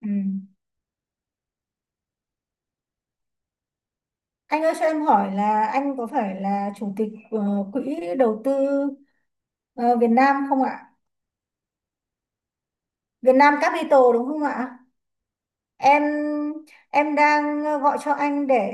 Ừ. Anh ơi, cho em hỏi là anh có phải là chủ tịch quỹ đầu tư ờ, Việt Nam không ạ? Việt Nam Capital đúng không ạ? Em em đang gọi cho anh để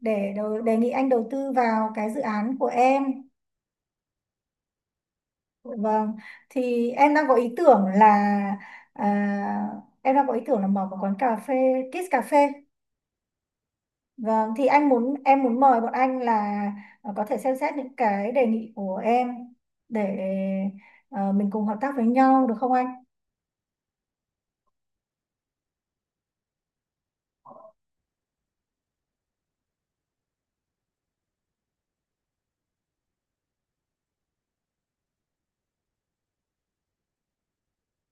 để đầu- đề nghị anh đầu tư vào cái dự án của em. Vâng, thì em đang có ý tưởng là à, em đang có ý tưởng là mở một quán cà phê, Kids Cà phê. Vâng, thì anh muốn em muốn mời bọn anh là có thể xem xét những cái đề nghị của em để mình cùng hợp tác với nhau được không anh?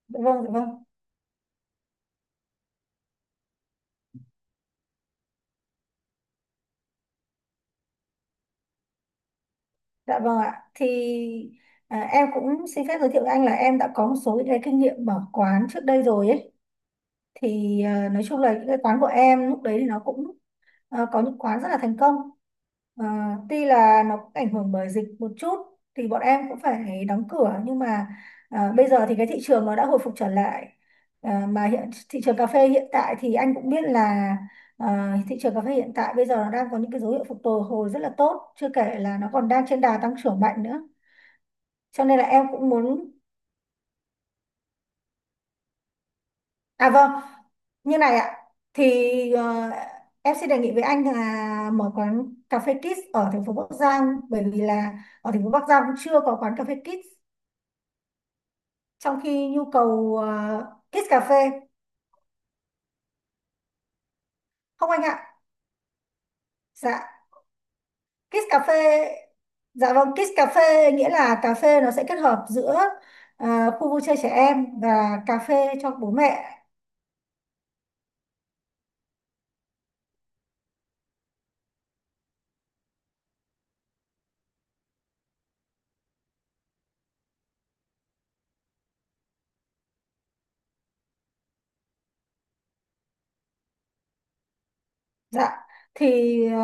Dạ vâng, dạ vâng. Dạ vâng ạ. Thì em cũng xin phép giới thiệu với anh là em đã có một số những cái kinh nghiệm mở quán trước đây rồi ấy. Thì nói chung là những cái quán của em lúc đấy thì nó cũng có những quán rất là thành công. Ờ, Tuy là nó cũng ảnh hưởng bởi dịch một chút thì bọn em cũng phải đóng cửa, nhưng mà bây giờ thì cái thị trường nó đã hồi phục trở lại. Mà hiện thị trường cà phê hiện tại thì anh cũng biết là ờ, thị trường cà phê hiện tại bây giờ nó đang có những cái dấu hiệu phục hồi hồi rất là tốt, chưa kể là nó còn đang trên đà tăng trưởng mạnh nữa. Cho nên là em cũng muốn, vâng, như này ạ, thì ờ, em sẽ đề nghị với anh là mở quán cà phê Kids ở thành phố Bắc Giang, bởi vì là ở thành phố Bắc Giang cũng chưa có quán cà phê Kids, trong khi nhu cầu Kids cà phê. Không anh ạ. Dạ, Kids cà phê. Dạ vâng, Kids cà phê nghĩa là cà phê nó sẽ kết hợp giữa khu vui chơi trẻ em và cà phê cho bố mẹ. Dạ, thì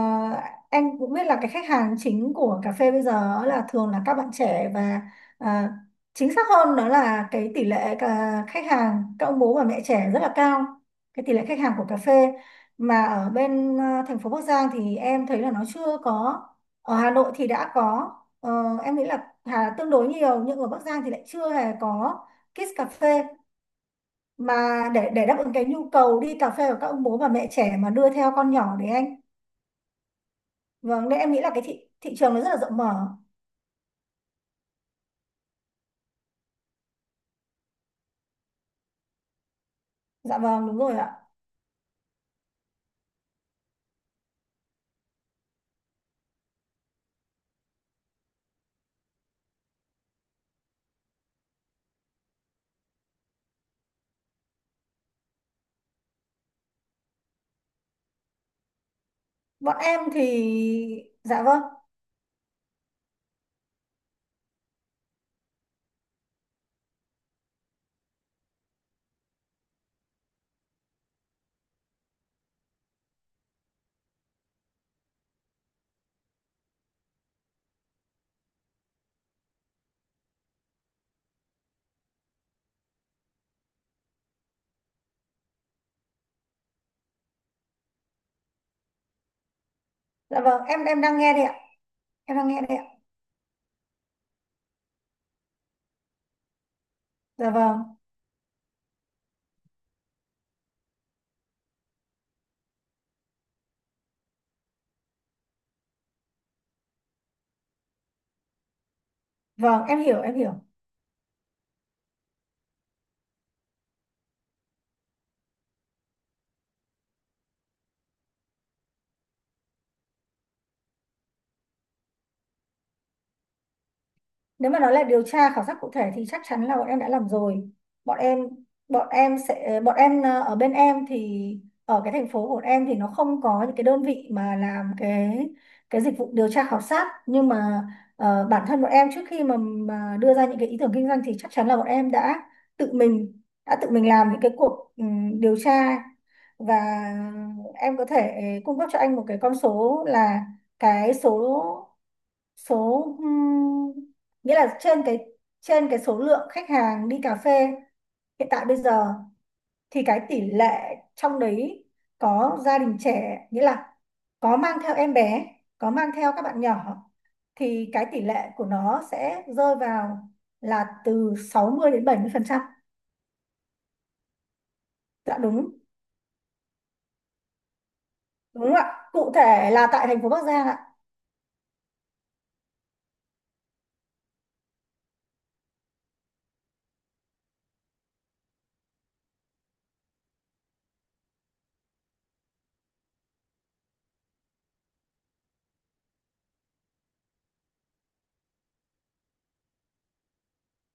anh cũng biết là cái khách hàng chính của cà phê bây giờ ấy là thường là các bạn trẻ, và ờ, chính xác hơn đó là cái tỷ lệ cả khách hàng các ông bố và mẹ trẻ rất là cao, cái tỷ lệ khách hàng của cà phê, mà ở bên thành phố Bắc Giang thì em thấy là nó chưa có, ở Hà Nội thì đã có. Em nghĩ là Hà tương đối nhiều, nhưng ở Bắc Giang thì lại chưa hề có Kids cà phê, mà để đáp ứng cái nhu cầu đi cà phê của các ông bố và mẹ trẻ mà đưa theo con nhỏ đấy anh. Vâng, nên em nghĩ là cái thị thị trường nó rất là rộng mở. Dạ vâng, đúng rồi ạ. Bọn em thì dạ vâng. Dạ vâng, em đang nghe đây ạ. Em đang nghe đây ạ. Dạ vâng. Vâng, em hiểu, em hiểu. Nếu mà nói là điều tra khảo sát cụ thể thì chắc chắn là bọn em đã làm rồi. Bọn em bọn em sẽ bọn em ờ, Ở bên em thì ở cái thành phố của bọn em thì nó không có những cái đơn vị mà làm cái dịch vụ điều tra khảo sát, nhưng mà bản thân bọn em trước khi mà đưa ra những cái ý tưởng kinh doanh thì chắc chắn là bọn em đã tự mình làm những cái cuộc điều tra, và em có thể cung cấp cho anh một cái con số là cái số số nghĩa là trên cái số lượng khách hàng đi cà phê hiện tại bây giờ thì cái tỷ lệ trong đấy có gia đình trẻ, nghĩa là có mang theo em bé, có mang theo các bạn nhỏ, thì cái tỷ lệ của nó sẽ rơi vào là từ 60 đến 70%. Dạ đúng. Đúng không ạ, cụ thể là tại thành phố Bắc Giang ạ.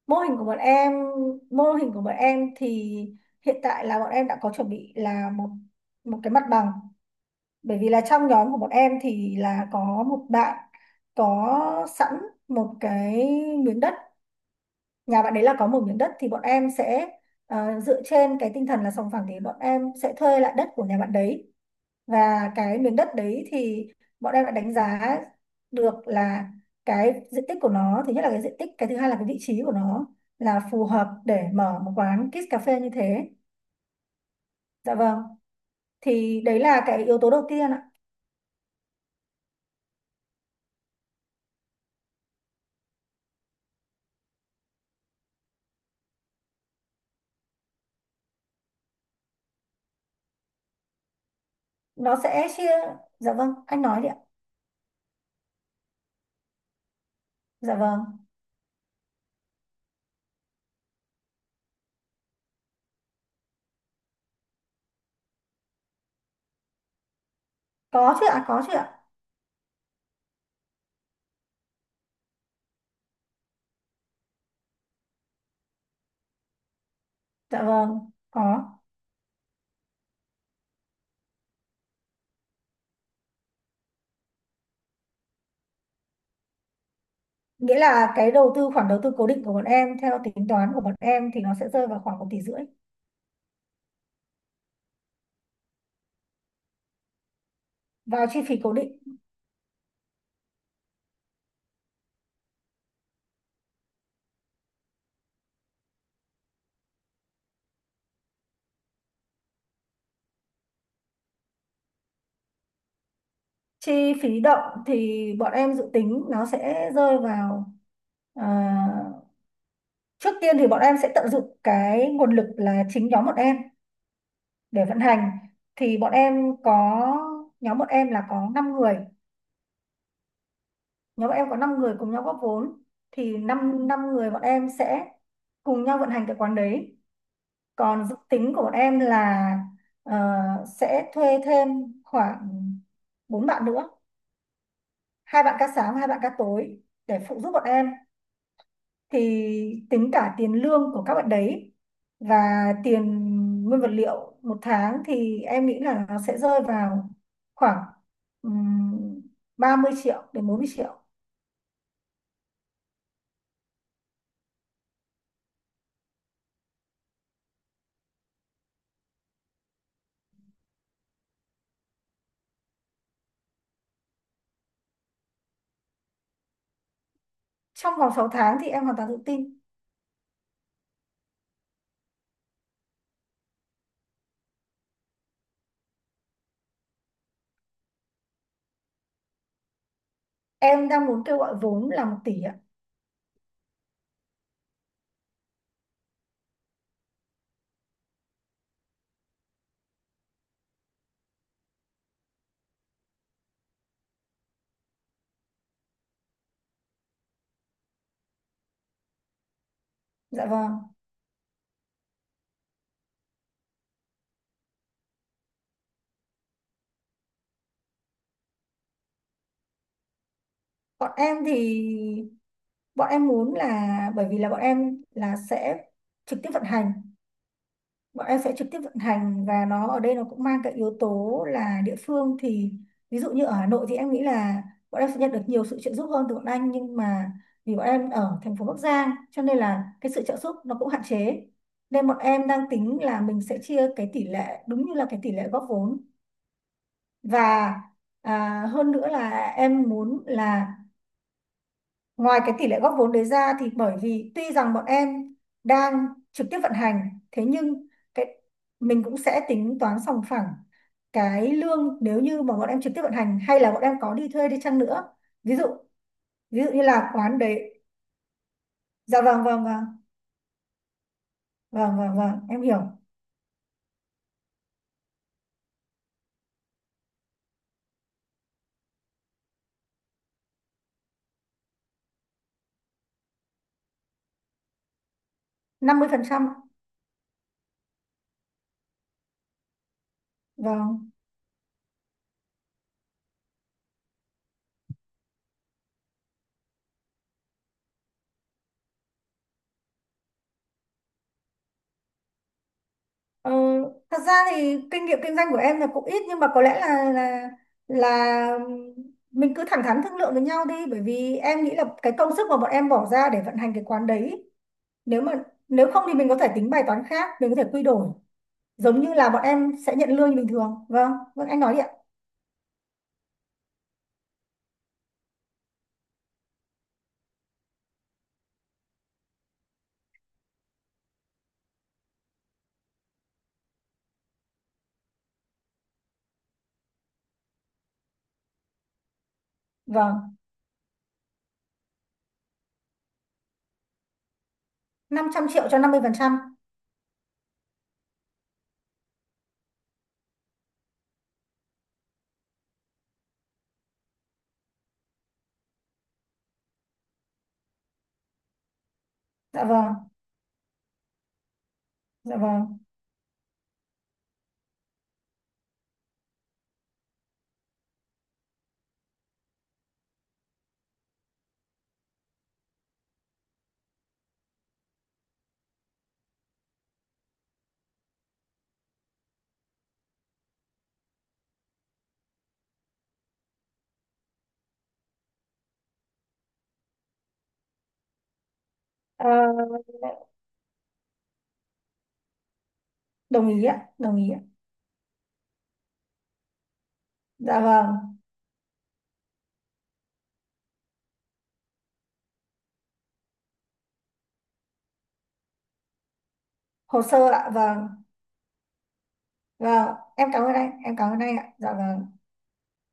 mô hình của bọn em Mô hình của bọn em thì hiện tại là bọn em đã có chuẩn bị là một một cái mặt bằng, bởi vì là trong nhóm của bọn em thì là có một bạn có sẵn một cái miếng đất. Nhà bạn đấy là có một miếng đất thì bọn em sẽ dựa trên cái tinh thần là sòng phẳng thì bọn em sẽ thuê lại đất của nhà bạn đấy. Và cái miếng đất đấy thì bọn em đã đánh giá được là cái diện tích của nó, thứ nhất là cái diện tích, cái thứ hai là cái vị trí của nó là phù hợp để mở một quán kids cà phê như thế. Dạ vâng, thì đấy là cái yếu tố đầu tiên ạ. Nó sẽ chia. Dạ vâng, anh nói đi ạ. Dạ vâng, có chứ ạ, có chứ ạ. Dạ vâng, có. Nghĩa là cái đầu tư, khoản đầu tư cố định của bọn em theo tính toán của bọn em thì nó sẽ rơi vào khoảng 1,5 tỷ, vào chi phí cố định. Chi phí động thì bọn em dự tính nó sẽ rơi vào, à, trước tiên thì bọn em sẽ tận dụng cái nguồn lực là chính nhóm bọn em để vận hành, thì bọn em có nhóm bọn em là có 5 người nhóm bọn em có 5 người cùng nhau góp vốn, thì 5, năm năm người bọn em sẽ cùng nhau vận hành cái quán đấy. Còn dự tính của bọn em là ờ, sẽ thuê thêm khoảng 4 bạn nữa, hai bạn ca sáng và 2 bạn ca tối, để phụ giúp bọn em. Thì tính cả tiền lương của các bạn đấy và tiền nguyên vật liệu một tháng thì em nghĩ là nó sẽ rơi vào khoảng um, 30 triệu đến 40 triệu. Trong vòng 6 tháng thì em hoàn toàn tự tin. Em đang muốn kêu gọi vốn là 1 tỷ ạ. Dạ vâng. Bọn em thì Bọn em muốn là bởi vì là bọn em là sẽ trực tiếp vận hành. Bọn em sẽ trực tiếp vận hành, và nó ở đây nó cũng mang cái yếu tố là địa phương, thì ví dụ như ở Hà Nội thì em nghĩ là bọn em sẽ nhận được nhiều sự trợ giúp hơn từ bọn anh, nhưng mà vì bọn em ở thành phố Bắc Giang cho nên là cái sự trợ giúp nó cũng hạn chế. Nên bọn em đang tính là mình sẽ chia cái tỷ lệ đúng như là cái tỷ lệ góp vốn, và hơn nữa là em muốn là ngoài cái tỷ lệ góp vốn đấy ra, thì bởi vì tuy rằng bọn em đang trực tiếp vận hành, thế nhưng cái mình cũng sẽ tính toán sòng phẳng cái lương, nếu như mà bọn em trực tiếp vận hành hay là bọn em có đi thuê đi chăng nữa, ví dụ như là quán đấy. Dạ vâng, vâng, vâng, vâng, vâng, vâng, em hiểu. 50%. Vâng. Ờ, Thật ra thì kinh nghiệm kinh doanh của em là cũng ít, nhưng mà có lẽ là mình cứ thẳng thắn thương lượng với nhau đi, bởi vì em nghĩ là cái công sức mà bọn em bỏ ra để vận hành cái quán đấy, nếu mà nếu không thì mình có thể tính bài toán khác, mình có thể quy đổi, giống như là bọn em sẽ nhận lương như bình thường. Vâng, vâng anh nói đi ạ. Vâng. 500 triệu cho 50%. Dạ vâng. Dạ vâng. Ờ, Đồng ý ạ, đồng ý ạ. Dạ vâng. Hồ sơ ạ. Vâng, vâng em cảm ơn anh, em cảm ơn anh ạ. Dạ vâng.